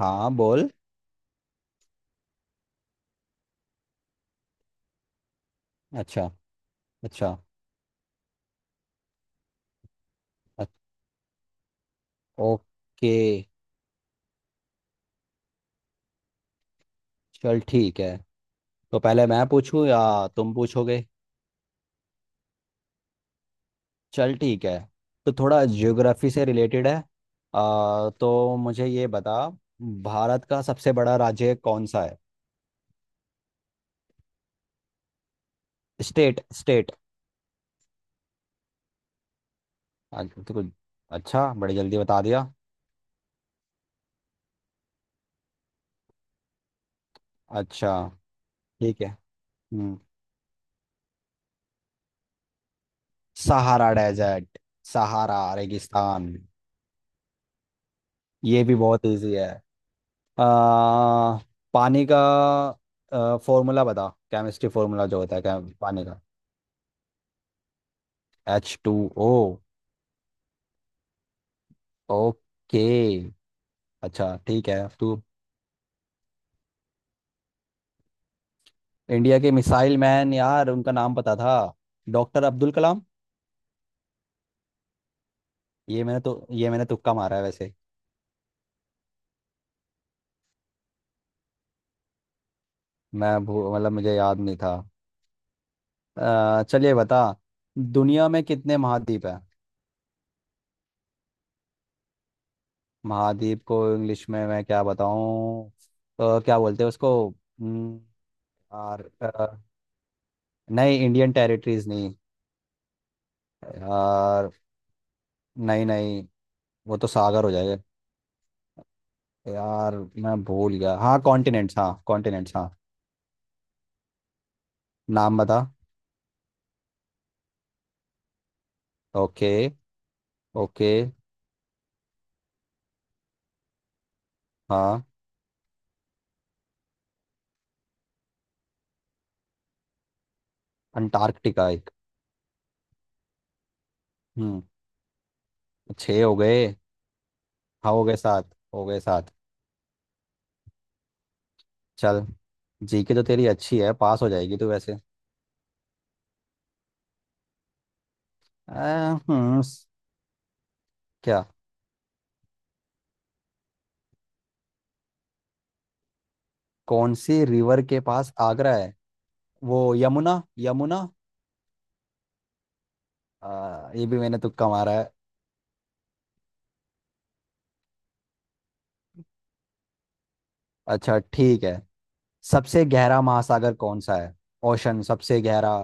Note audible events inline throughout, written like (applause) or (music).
हाँ, बोल। अच्छा। अच्छा। अ- ओके। चल ठीक है। तो पहले मैं पूछूं या तुम पूछोगे? चल ठीक है। तो थोड़ा ज्योग्राफी से रिलेटेड है। तो मुझे ये बता, भारत का सबसे बड़ा राज्य कौन सा है? State state. तो कुछ... अच्छा, बड़ी जल्दी बता दिया। अच्छा ठीक है। हम्म। सहारा डेजर्ट, सहारा रेगिस्तान। ये भी बहुत इजी है। आ, पानी का फॉर्मूला बता, केमिस्ट्री फॉर्मूला जो होता है, क्या पानी का? H2O। ओके। अच्छा ठीक है तू। इंडिया के मिसाइल मैन यार, उनका नाम पता था। डॉक्टर अब्दुल कलाम। ये मैंने तुक्का मारा है, वैसे। मैं मतलब मुझे याद नहीं था। चलिए, बता। दुनिया में कितने महाद्वीप हैं? महाद्वीप को इंग्लिश में मैं क्या बताऊं? क्या बोलते हैं उसको? यार। नहीं, इंडियन टेरिटरीज नहीं। यार। नहीं, नहीं। वो तो सागर हो जाएगा। यार, मैं भूल गया, हाँ कॉन्टिनेंट्स, हाँ कॉन्टिनेंट्स, हाँ। नाम बता। ओके। ओके। हाँ। अंटार्कटिका एक। हम्म छः हो गए। हाँ हो गए, सात हो गए, सात। चल। जीके तो तेरी अच्छी है, पास हो जाएगी तू वैसे। आ, हम्म स- क्या? कौन सी रिवर के पास आगरा है? वो यमुना। यमुना। ये भी मैंने तुक्का मारा है। अच्छा ठीक है। सबसे गहरा महासागर कौन सा है? ओशन, सबसे गहरा।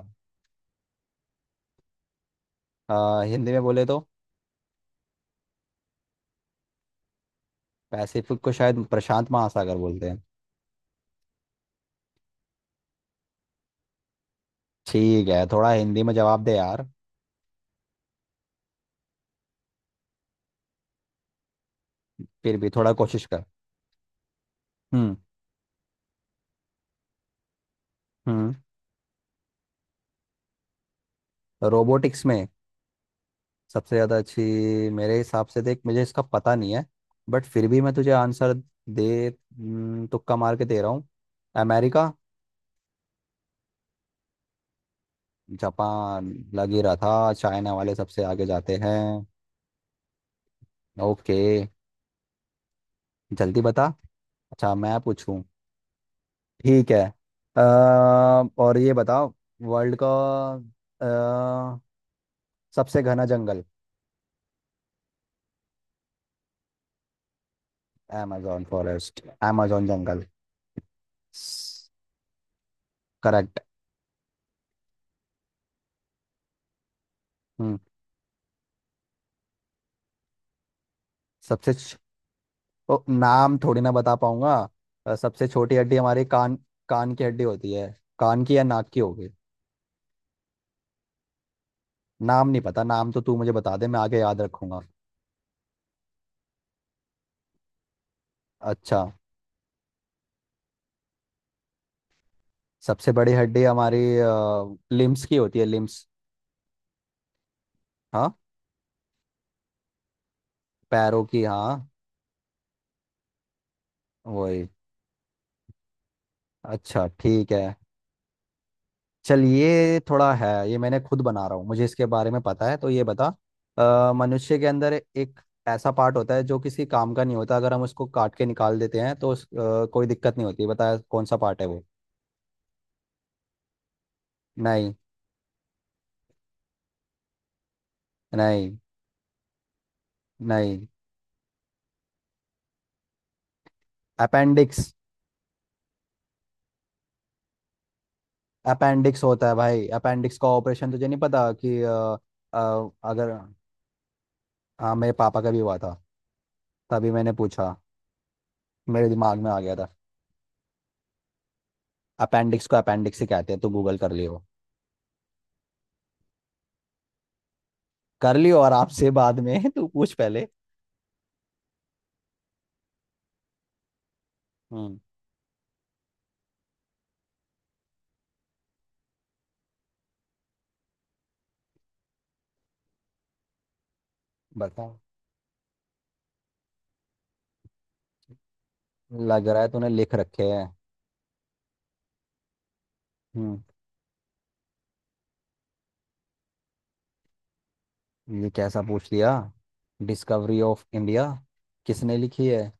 हिंदी में बोले तो? पैसिफिक को शायद प्रशांत महासागर बोलते हैं। ठीक है, थोड़ा हिंदी में जवाब दे यार। फिर भी थोड़ा कोशिश कर। हम्म। हम्म। रोबोटिक्स में? सबसे ज़्यादा अच्छी? मेरे हिसाब से देख, मुझे इसका पता नहीं है। बट फिर भी मैं तुझे आंसर दे, तुक्का मार के दे रहा हूँ। अमेरिका। जापान। लग ही रहा था चाइना वाले सबसे आगे जाते हैं। ओके। जल्दी बता। अच्छा, मैं पूछूं? ठीक है। अ, और ये बताओ, वर्ल्ड का अ, सबसे घना जंगल? amazon फॉरेस्ट, amazon जंगल। करेक्ट। हम्म। सबसे छ- ओ, नाम थोड़ी ना बता पाऊंगा। सबसे छोटी हड्डी हमारी कान, कान की हड्डी होती है। कान की या नाक की होगी? नाम नहीं पता, नाम तो तू मुझे बता दे, मैं आगे याद रखूंगा। अच्छा। सबसे बड़ी हड्डी हमारी लिम्स की होती है, लिम्स। हाँ। पैरों की, हाँ। वही। अच्छा ठीक है। चल, ये थोड़ा है, ये मैंने खुद बना रहा हूँ, मुझे इसके बारे में पता है, तो ये बता। मनुष्य के अंदर एक ऐसा पार्ट होता है जो किसी काम का नहीं होता, अगर हम उसको काट के निकाल देते हैं तो कोई दिक्कत नहीं होती। बताया कौन सा पार्ट है वो? नहीं। नहीं। नहीं। अपेंडिक्स। अपेंडिक्स होता है भाई, अपेंडिक्स का ऑपरेशन तुझे नहीं पता? कि अगर... हाँ, मेरे पापा का भी हुआ था, तभी मैंने पूछा, मेरे दिमाग में आ गया था। अपेंडिक्स को अपेंडिक्स ही कहते हैं, तो गूगल कर लियो। कर लियो आराम से बाद में (laughs) तू पूछ पहले। हम्म। बता। लग रहा है तूने लिख रखे हैं। हम्म। ये कैसा पूछ दिया? डिस्कवरी ऑफ इंडिया किसने लिखी है?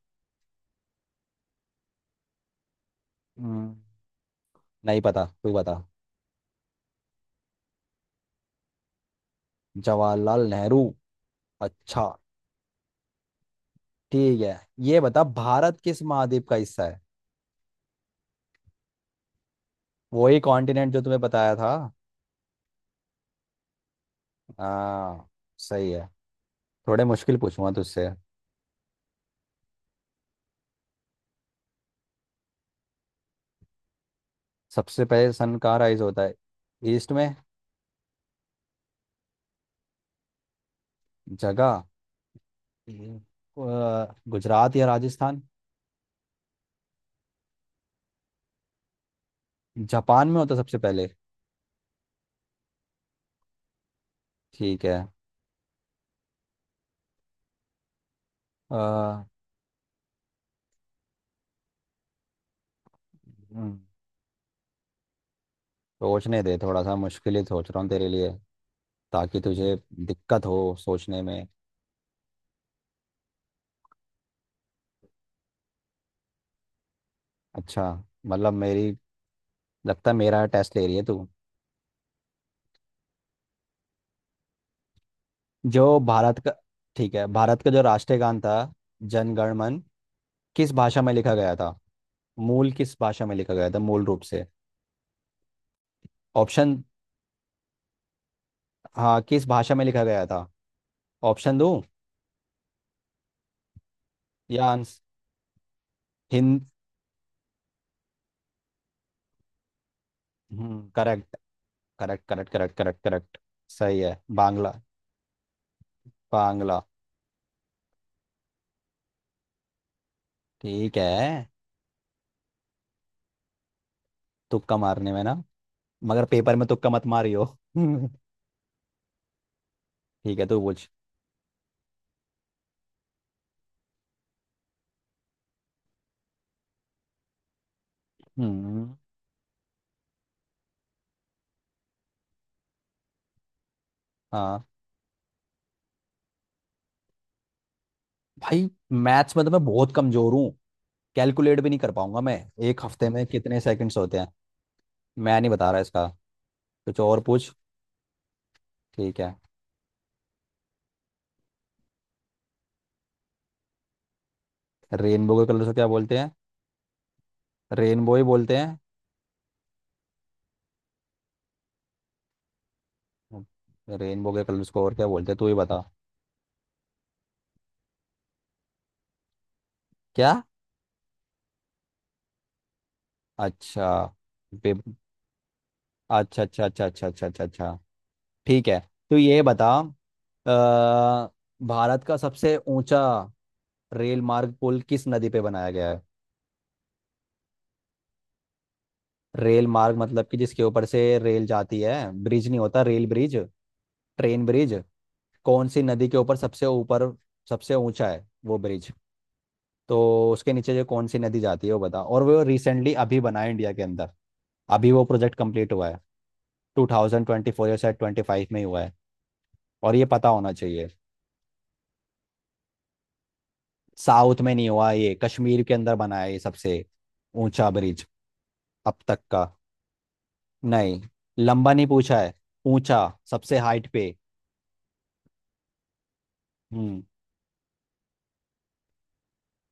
हम्म, नहीं पता, तू बता। जवाहरलाल नेहरू। अच्छा ठीक है। ये बता, भारत किस महाद्वीप का हिस्सा है? वही कॉन्टिनेंट जो तुम्हें बताया था। हाँ। सही है। थोड़े मुश्किल पूछूंगा तुझसे। सबसे पहले सन कहाँ राइज होता है? ईस्ट में। जगह। हम्म। गुजरात या राजस्थान? जापान में होता सबसे पहले। ठीक है। अ, हम्म, सोचने दे थोड़ा सा, मुश्किल ही सोच रहा हूँ तेरे लिए, ताकि तुझे दिक्कत हो सोचने में। अच्छा। मतलब मेरी... लगता है मेरा टेस्ट ले रही है तू। जो भारत का ठीक है, भारत का जो राष्ट्रीय गान था, जन गण मन, किस भाषा में लिखा गया था, मूल किस भाषा में लिखा गया था मूल रूप से? ऑप्शन। हाँ, किस भाषा में लिखा गया था? ऑप्शन दूं या हिं- correct correct correct correct correct correct. सही है। बांग्ला। बांग्ला। ठीक है। तुक्का मारने में ना। मगर पेपर में तुक्का मत मारियो (laughs) ठीक है, तू पूछ। हम्म। हाँ। भाई, मैथ्स में तो मैं बहुत कमजोर हूँ, कैलकुलेट भी नहीं कर पाऊंगा मैं। एक हफ्ते में कितने सेकंड्स होते हैं? मैं नहीं बता रहा इसका। कुछ और पूछ। ठीक है। रेनबो के कलर्स को क्या बोलते हैं? रेनबो ही बोलते हैं। रेनबो के कलर्स को और क्या बोलते हैं, तू ही बता। क्या? अच्छा अच्छा अच्छा अच्छा अच्छा अच्छा अच्छा अच्छा। ठीक है। तो ये बता, अ, भारत का सबसे ऊंचा रेल मार्ग पुल किस नदी पे बनाया गया है? रेल मार्ग मतलब कि जिसके ऊपर से रेल जाती है, ब्रिज नहीं होता रेल ब्रिज, ट्रेन ब्रिज। कौन सी नदी के ऊपर, सबसे ऊपर, सबसे ऊंचा है वो ब्रिज, तो उसके नीचे जो कौन सी नदी जाती है वो बता। और वो रिसेंटली अभी बना है इंडिया के अंदर, अभी वो प्रोजेक्ट कंप्लीट हुआ है। 2024, या शायद 25 में ही हुआ है। और ये पता होना चाहिए। साउथ में नहीं हुआ, ये कश्मीर के अंदर बना है, ये सबसे ऊंचा ब्रिज अब तक का। नहीं। लंबा नहीं पूछा है, ऊंचा, सबसे हाइट पे। हम्म।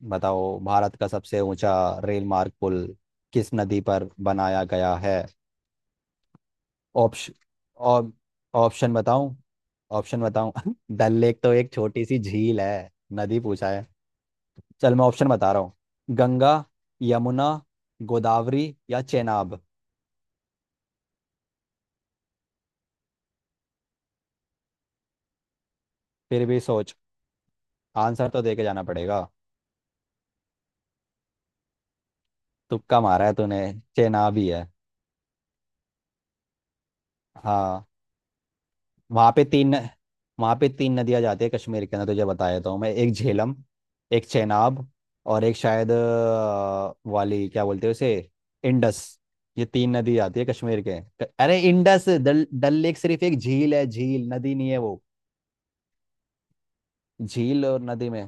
बताओ, भारत का सबसे ऊंचा रेल मार्ग पुल किस नदी पर बनाया गया है? ऑप्शन। ऑप, ऑप्शन बताऊं? ऑप्शन बताऊं? (laughs) डल लेक तो एक छोटी सी झील है, नदी पूछा है। चल, मैं ऑप्शन बता रहा हूँ। गंगा, यमुना, गोदावरी या चेनाब? फिर भी सोच, आंसर तो दे के जाना पड़ेगा। तुक्का मारा है तूने। चेनाब ही है। हाँ। वहाँ पे तीन... वहाँ पे तीन नदियाँ जाती है कश्मीर के अंदर, तुझे बता देता हूँ मैं, एक झेलम, एक चेनाब, और एक शायद वाली, क्या बोलते हैं उसे, इंडस। ये तीन नदी आती है कश्मीर के अरे इंडस, डल डल लेक सिर्फ एक झील है, झील नदी नहीं है वो। झील और नदी में...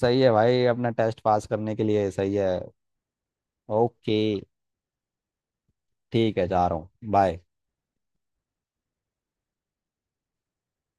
सही है भाई, अपना टेस्ट पास करने के लिए सही है। ओके। ठीक है, जा रहा हूँ, बाय।